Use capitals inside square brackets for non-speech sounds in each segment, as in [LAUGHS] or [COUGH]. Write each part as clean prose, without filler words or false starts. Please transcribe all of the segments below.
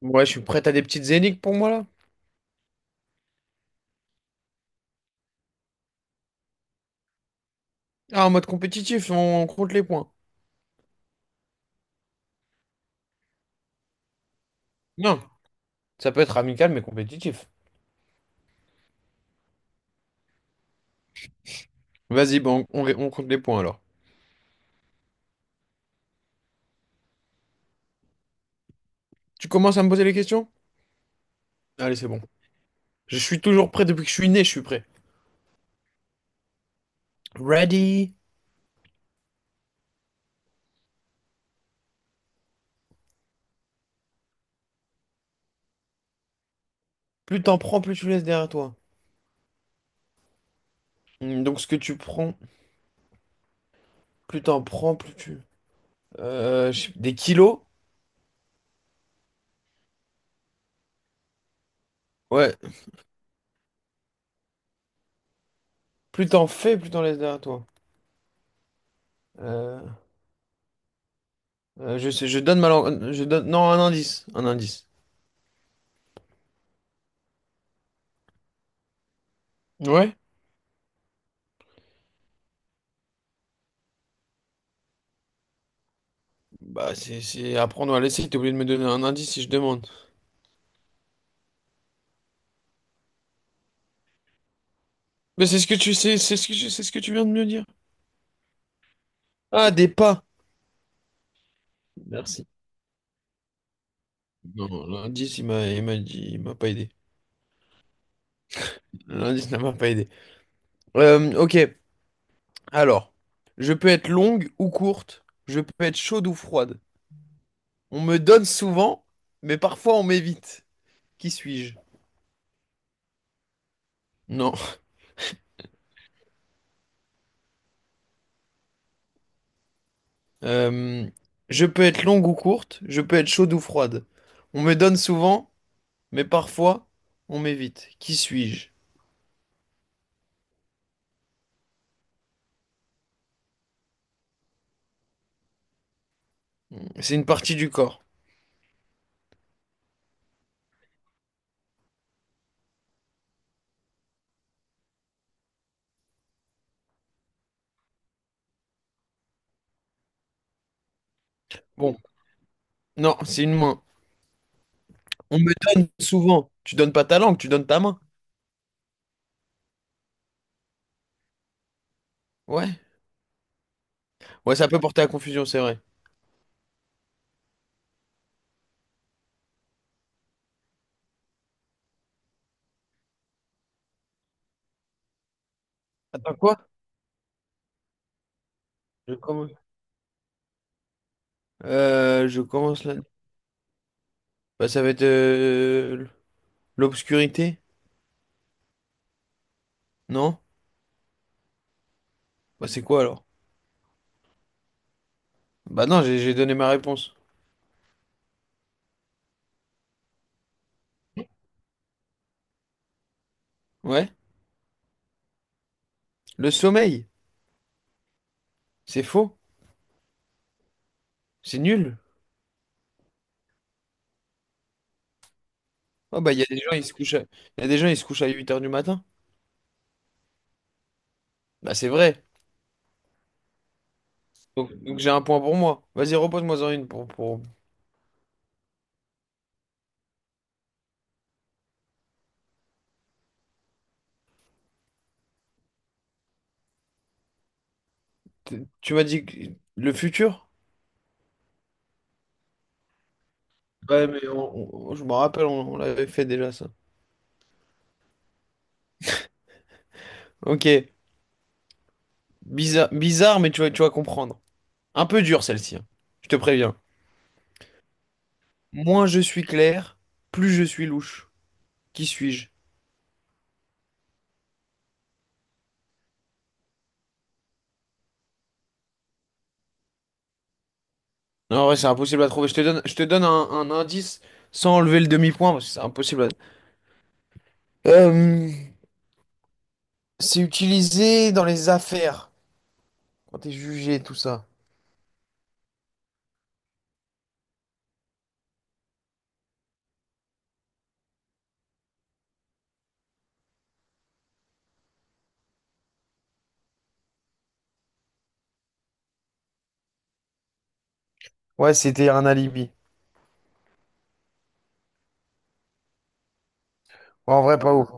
Ouais, je suis prêt à des petites zéniths pour moi là. Ah, en mode compétitif, on compte les points. Non, ça peut être amical mais compétitif. Vas-y, bon, on compte les points alors. Tu commences à me poser les questions? Allez, c'est bon. Je suis toujours prêt depuis que je suis né, je suis prêt. Ready? Plus t'en prends, plus tu laisses derrière toi. Donc ce que tu prends, plus t'en prends, plus tu... je sais- des kilos? Ouais. Plus t'en fais, plus t'en laisses derrière toi. Euh, je sais, je donne ma langue- Je donne... Non, un indice. Un indice. Ouais? Bah, c'est apprendre à laisser. T'es obligé de me donner un indice si je demande. Mais c'est ce que tu sais, c'est ce que tu- c'est ce que tu viens de me dire. Ah, des pas. Merci. Non, l'indice, il m'a dit, il m'a pas aidé. L'indice ne m'a pas aidé. Ok, alors, je peux être longue ou courte, je peux être chaude ou froide. On me donne souvent, mais parfois on m'évite. Qui suis-je? Non. Euh, je peux être longue ou courte, je peux être chaude ou froide. On me donne souvent, mais parfois on m'évite. Qui suis-je? C'est une partie du corps. Bon, non, c'est une main. On me donne souvent. Tu donnes pas ta langue, tu donnes ta main. Ouais. Ouais, ça peut porter à confusion, c'est vrai. Attends, quoi? Je commence. Je commence là. Bah, ça va être l'obscurité? Non? Bah, c'est quoi alors? Bah, non, j'ai donné ma réponse. Ouais? Le sommeil? C'est faux? C'est nul? Oh, bah, il y a des gens, ils se couchent à... y a des gens, ils se couchent à 8h du matin. Bah, c'est vrai. Donc j'ai un point pour moi. Vas-y, repose-moi-en une pour... Tu m'as dit que- le futur? Ouais, mais on- je me rappelle, on l'avait fait déjà ça. Ok, bizarre, bizarre, mais tu vas comprendre. Un peu dur celle-ci, hein. Je te préviens. Moins je suis clair, plus je suis louche. Qui suis-je? Non, ouais, c'est impossible à trouver. Je te donne un indice sans enlever le demi-point parce que c'est impossible à... Euh, c'est utilisé dans les affaires quand t'es jugé, tout ça. Ouais, c'était un alibi. Ouais, en vrai, pas ouf.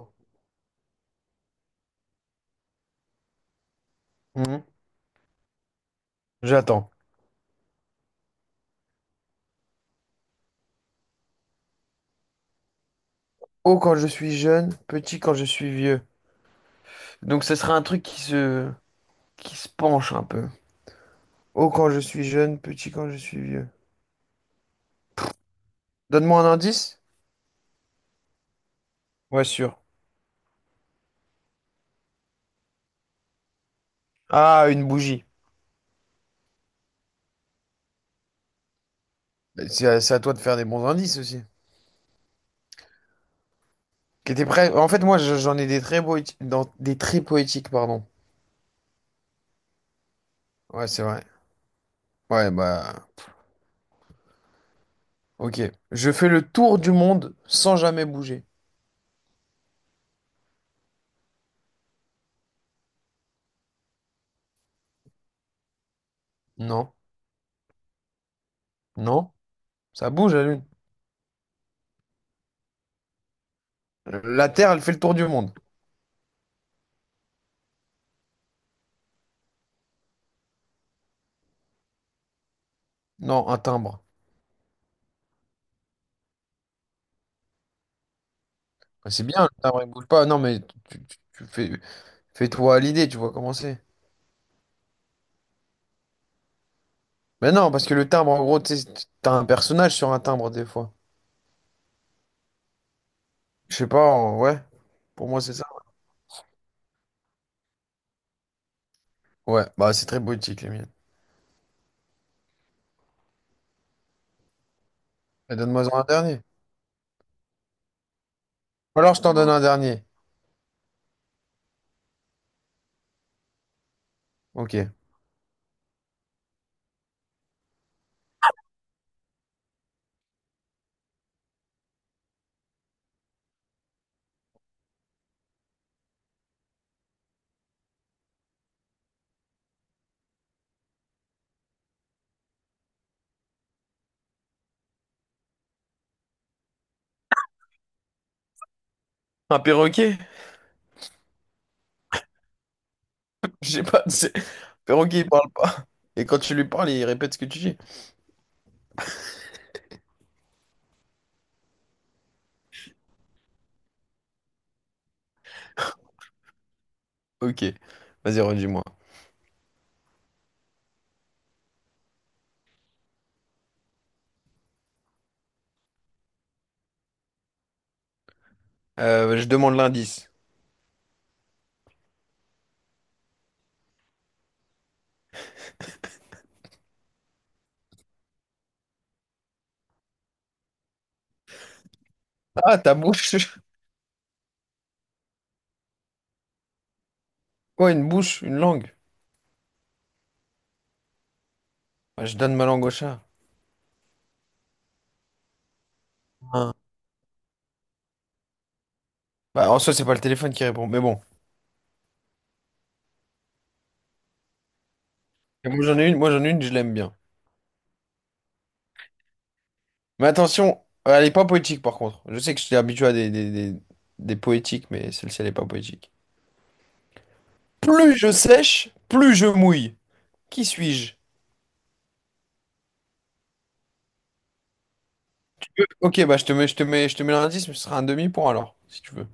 Mhm. J'attends. Haut quand je suis jeune, petit quand je suis vieux. Donc ce sera un truc qui se penche un peu. Haut quand je suis jeune, petit quand je suis vieux. Donne-moi un indice? Ouais, sûr. Ah, une bougie. Mais c'est à, c'est à toi de faire des bons indices aussi. Qui était prêt? En fait, moi, je- j'en ai des très poétiques, dans des très poétiques, pardon. Ouais, c'est vrai. Ouais, bah, ok. Je fais le tour du monde sans jamais bouger. Non, non, ça bouge la Lune. La Terre, elle fait le tour du monde. Non, un timbre. Ouais, c'est bien, le timbre, il bouge pas. Non, mais tu- tu fais, fais-toi à l'idée, tu vois comment c'est. Mais non, parce que le timbre, en gros, tu sais, t'as un personnage sur un timbre des fois. Je sais pas, en- ouais, pour moi c'est ça. Ouais, bah c'est très boutique les miennes. Mais donne-moi un dernier. Ou alors je t'en donne un dernier. Ok. Un perroquet? [LAUGHS] Je sais pas, c'est- perroquet il parle pas. Et quand tu lui parles, il répète ce que tu dis. Ok, vas-y, redis-moi. Je demande l'indice. Ah, ta bouche. [LAUGHS] Quoi, une bouche, une langue? Bah, je donne ma langue au chat. Hein. Bah, en soi, c'est pas le téléphone qui répond, mais bon. Et moi j'en ai une, je l'aime bien. Mais attention, elle est pas poétique par contre. Je sais que je suis habitué à des poétiques, mais celle-ci, elle est pas poétique. Plus je sèche, plus je mouille. Qui suis-je? Ok, bah je te mets, je te mets, je te mets l'indice, mais ce sera un demi-point alors, si tu veux.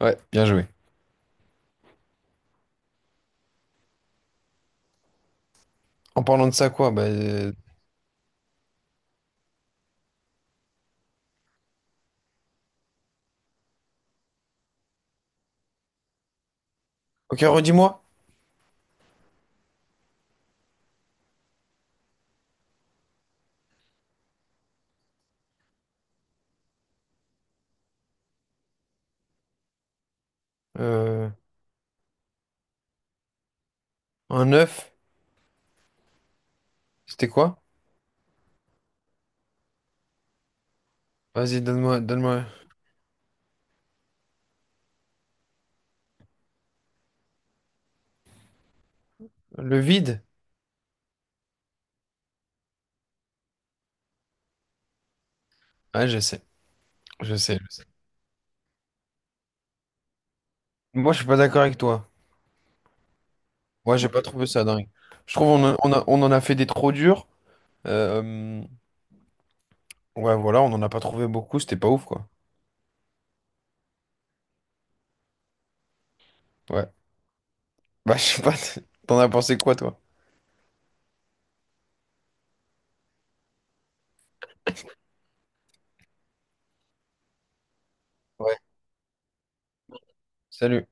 Ouais, bien joué. En parlant de ça, quoi? Bah, ok, redis-moi. Euh, un œuf, c'était quoi? Vas-y, donne-moi. Le vide? Ah, je sais. Moi, je suis pas d'accord avec toi. Moi, j'ai pas trouvé ça dingue. Je trouve on, a- on en a fait des trop durs. Euh, Ouais, voilà, on n'en a pas trouvé beaucoup, c'était pas ouf, quoi. Ouais. Bah, je sais pas, [LAUGHS] t'en as pensé quoi, toi? Ouais. Salut.